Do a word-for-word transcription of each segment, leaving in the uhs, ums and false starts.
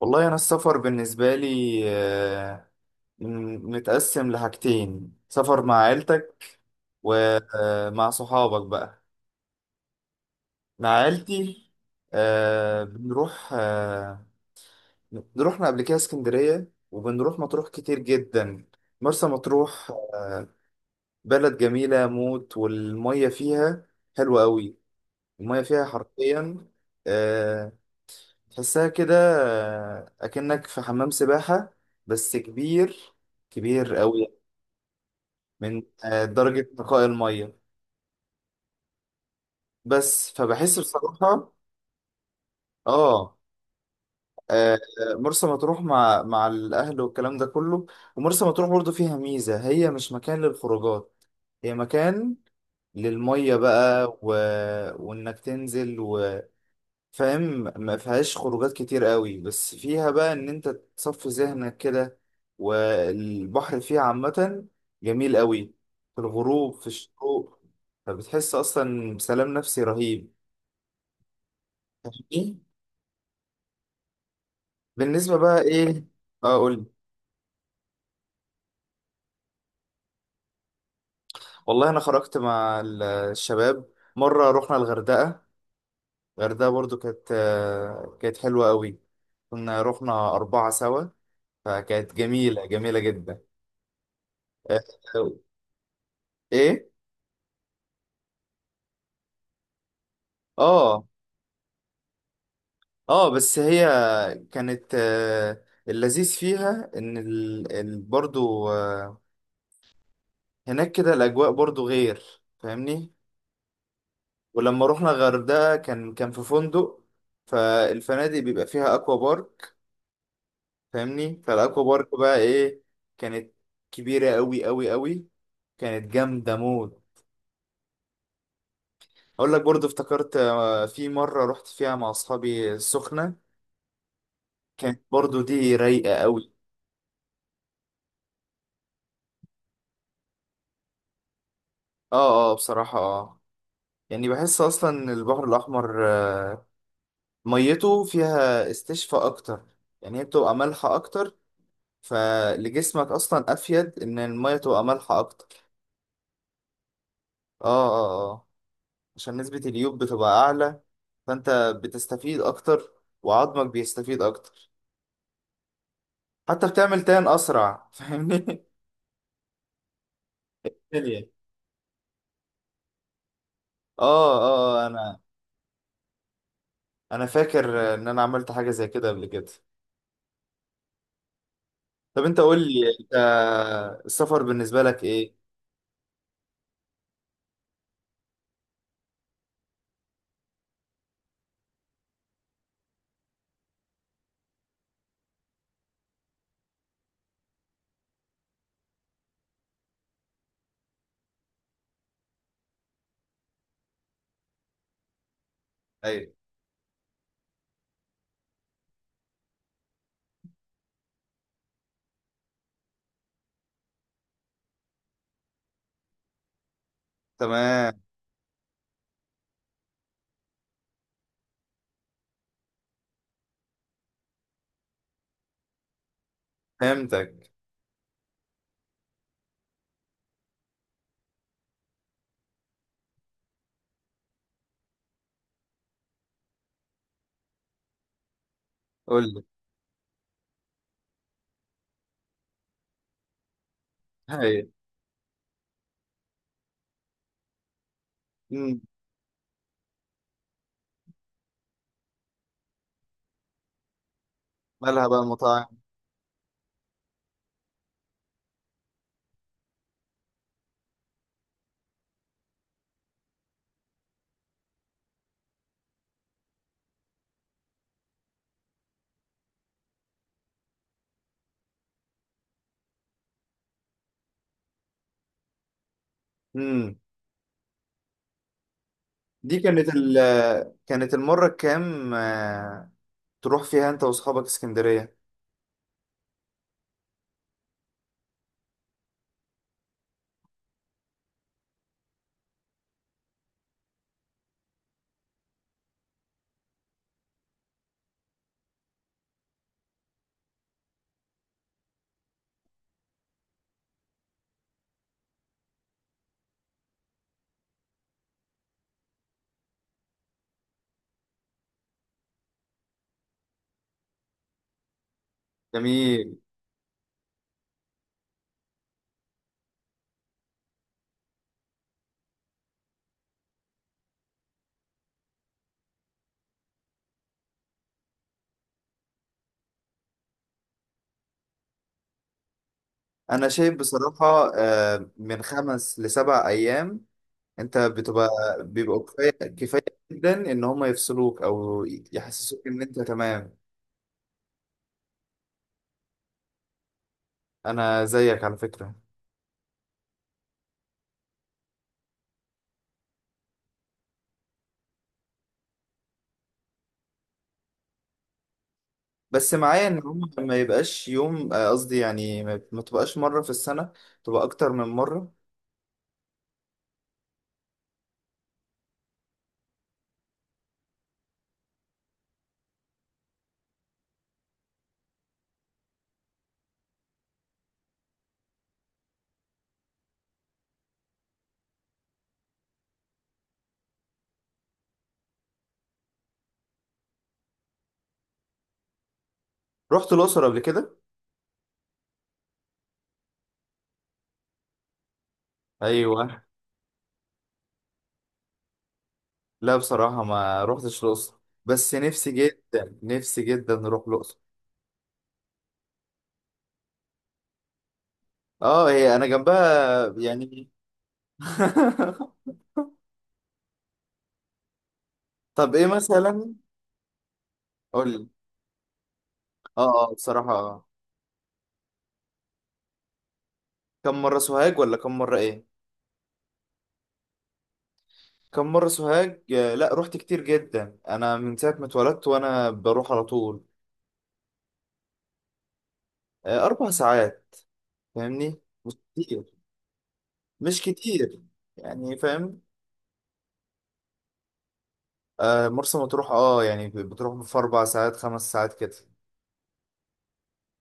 والله أنا السفر بالنسبة لي آه، م- متقسم لحاجتين، سفر مع عيلتك ومع صحابك بقى. مع عيلتي آه، بنروح. آه، رحنا قبل كده اسكندرية، وبنروح مطروح كتير جدا. مرسى مطروح آه، بلد جميلة موت، والمية فيها حلوة قوي. المية فيها حرفيا، آه، تحسها كده، آه، أكنك في حمام سباحة بس كبير، كبير قوي. من آه، درجة نقاء المية. بس فبحس بصراحة. اه، آه، مرسى مطروح مع مع الأهل والكلام ده كله. ومرسى مطروح برضو فيها ميزة، هي مش مكان للخروجات، هي مكان للمية بقى و... وإنك تنزل و... فاهم. ما فيهاش خروجات كتير قوي، بس فيها بقى ان انت تصفي ذهنك كده، والبحر فيها عامة جميل قوي، في الغروب، في الشروق. فبتحس اصلا بسلام نفسي رهيب. فاهمني؟ بالنسبة بقى ايه اقول. والله انا خرجت مع ال- الشباب. مرة رحنا الغردقة. الغردقة برضو كانت آه، كانت حلوة قوي. كنا رحنا أربعة سوا، فكانت جميلة جميلة جدا. آه، ايه. اه، اه، بس هي كانت آه، اللذيذ فيها ان ال... ال... برضو آه، هناك كده الاجواء برضو غير. فاهمني؟ ولما رحنا الغردقة كان كان في فندق. فالفنادق بيبقى فيها اكوا بارك. فاهمني؟ فالاكوا بارك بقى ايه. كانت كبيرة قوي قوي قوي، كانت جامدة موت. اقول لك برضو افتكرت آه، في مرة رحت فيها مع اصحابي السخنة. كانت برضو دي رايقة قوي. اه، اه، بصراحة اه، يعني بحس اصلا ان البحر الاحمر آه، ميته فيها استشفاء اكتر، يعني هي بتبقى مالحه اكتر. فلجسمك اصلا افيد ان الميه تبقى مالحه اكتر. اه، اه، اه. عشان نسبه اليود بتبقى اعلى، فانت بتستفيد اكتر، وعظمك بيستفيد اكتر. حتى بتعمل تان اسرع. فاهمني؟ بالية. اه، اه. آه، انا انا فاكر ان انا عملت حاجه زي كده قبل كده. طب انت قول لي، انت السفر بالنسبه لك ايه؟ ايوه. تمام. فهمتك. قول لي. هاي. امم. مالها بقى المطاعم؟ امم. دي كانت ال كانت المرة الكام آه، تروح فيها انت واصحابك اسكندرية؟ جميل. انا شايف بصراحة آه، من خمس لسبع ايام انت بتبقى، بيبقى كفاية. كفاية جدا ان هم يفصلوك او يحسسوك ان انت تمام. انا زيك على فكرة. بس معايا ان هم ما يبقاش يوم آه، قصدي يعني ما ما تبقاش مرة في السنة، تبقى اكتر من مرة. رحت الأقصر قبل كده؟ أيوه. لا بصراحة، ما رحتش الأقصر، بس نفسي جدا، نفسي جدا نروح الأقصر. اه، هي أنا جنبها يعني. طب إيه مثلا؟ قول لي. اه، اه، بصراحة آه. كم مرة سوهاج ولا كم مرة إيه؟ كم مرة سوهاج؟ آه، لا، رحت كتير جدا، أنا من ساعة ما اتولدت وأنا بروح على طول. آه، أربع ساعات. فاهمني؟ مش كتير، مش كتير يعني. فاهم؟ آه، مرسى مطروح اه، يعني بتروح في أربع ساعات، خمس ساعات كده.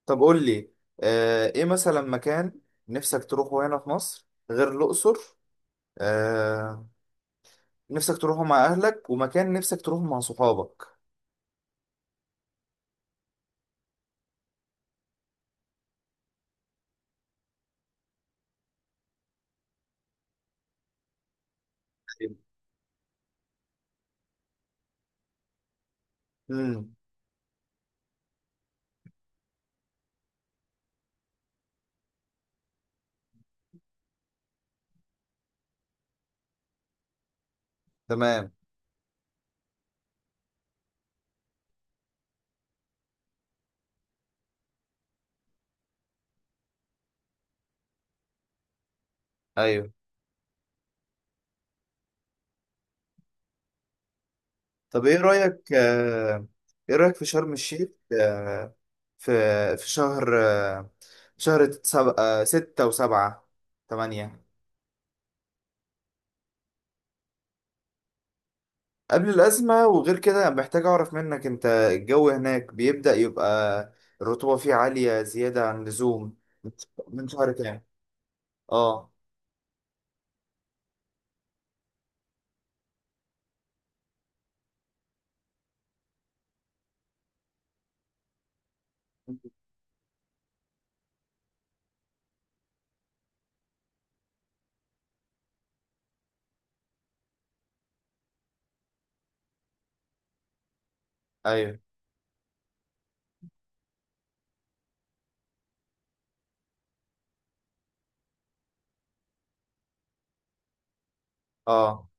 طب قول لي، آه، ايه مثلا مكان نفسك تروحه هنا في مصر غير الأقصر؟ آه، نفسك تروحه مع أهلك، ومكان نفسك تروحه مع صحابك. طيب. امم. تمام. ايوه. طب ايه رأيك آه، ايه رأيك في شرم الشيخ؟ آه، في في شهر آه، شهر سبعة، ستة وسبعة، تمانية. قبل الأزمة. وغير كده محتاج أعرف منك أنت، الجو هناك بيبدأ يبقى الرطوبة فيه عالية زيادة عن اللزوم. من شهر كام؟ اه. أيوه. اه.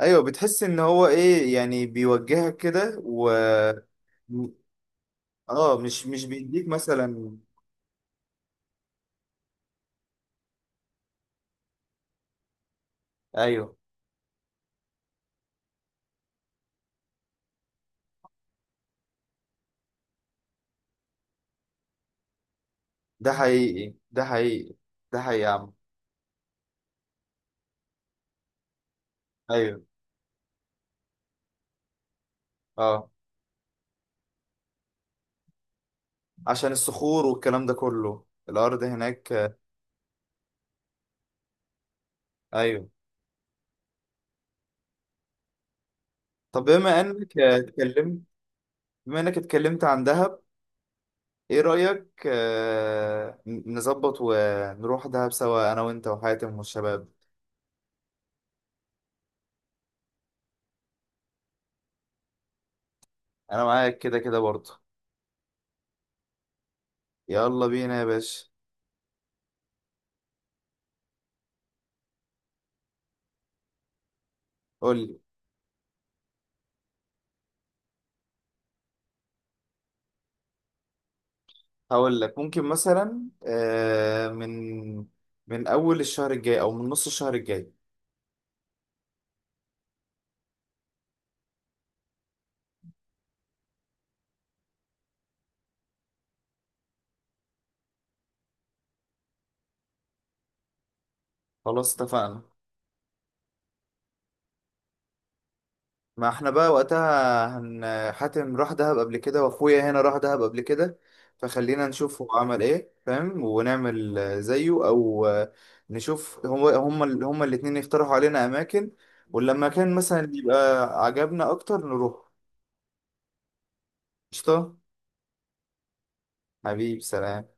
أيوه، بتحس إن هو إيه يعني بيوجهك كده و اه، مش مش بيديك مثلا. أيوه، ده حقيقي، ده حقيقي، ده حقيقي يا عم. أيوه. اه، عشان الصخور والكلام ده كله الأرض هناك. أيوه. طب بما إنك اتكلمت بما إنك اتكلمت عن دهب. ايه رأيك آه، ن- نظبط ونروح دهب سوا انا وانت وحاتم والشباب؟ انا معاك كده كده برضه. يلا بينا يا باشا. قولي. هقول لك، ممكن مثلا آه، من من اول الشهر الجاي او من نص الشهر الجاي. خلاص اتفقنا. ما احنا بقى وقتها هن حاتم راح دهب قبل كده، واخويا هنا راح دهب قبل كده. فخلينا نشوف هو عمل ايه فاهم، ونعمل آه، زيه او آه، نشوف هو، هما ال- هما الاتنين يقترحوا علينا اماكن. ولما كان مثلا يبقى عجبنا اكتر نروح. قشطة. حبيب. سلام.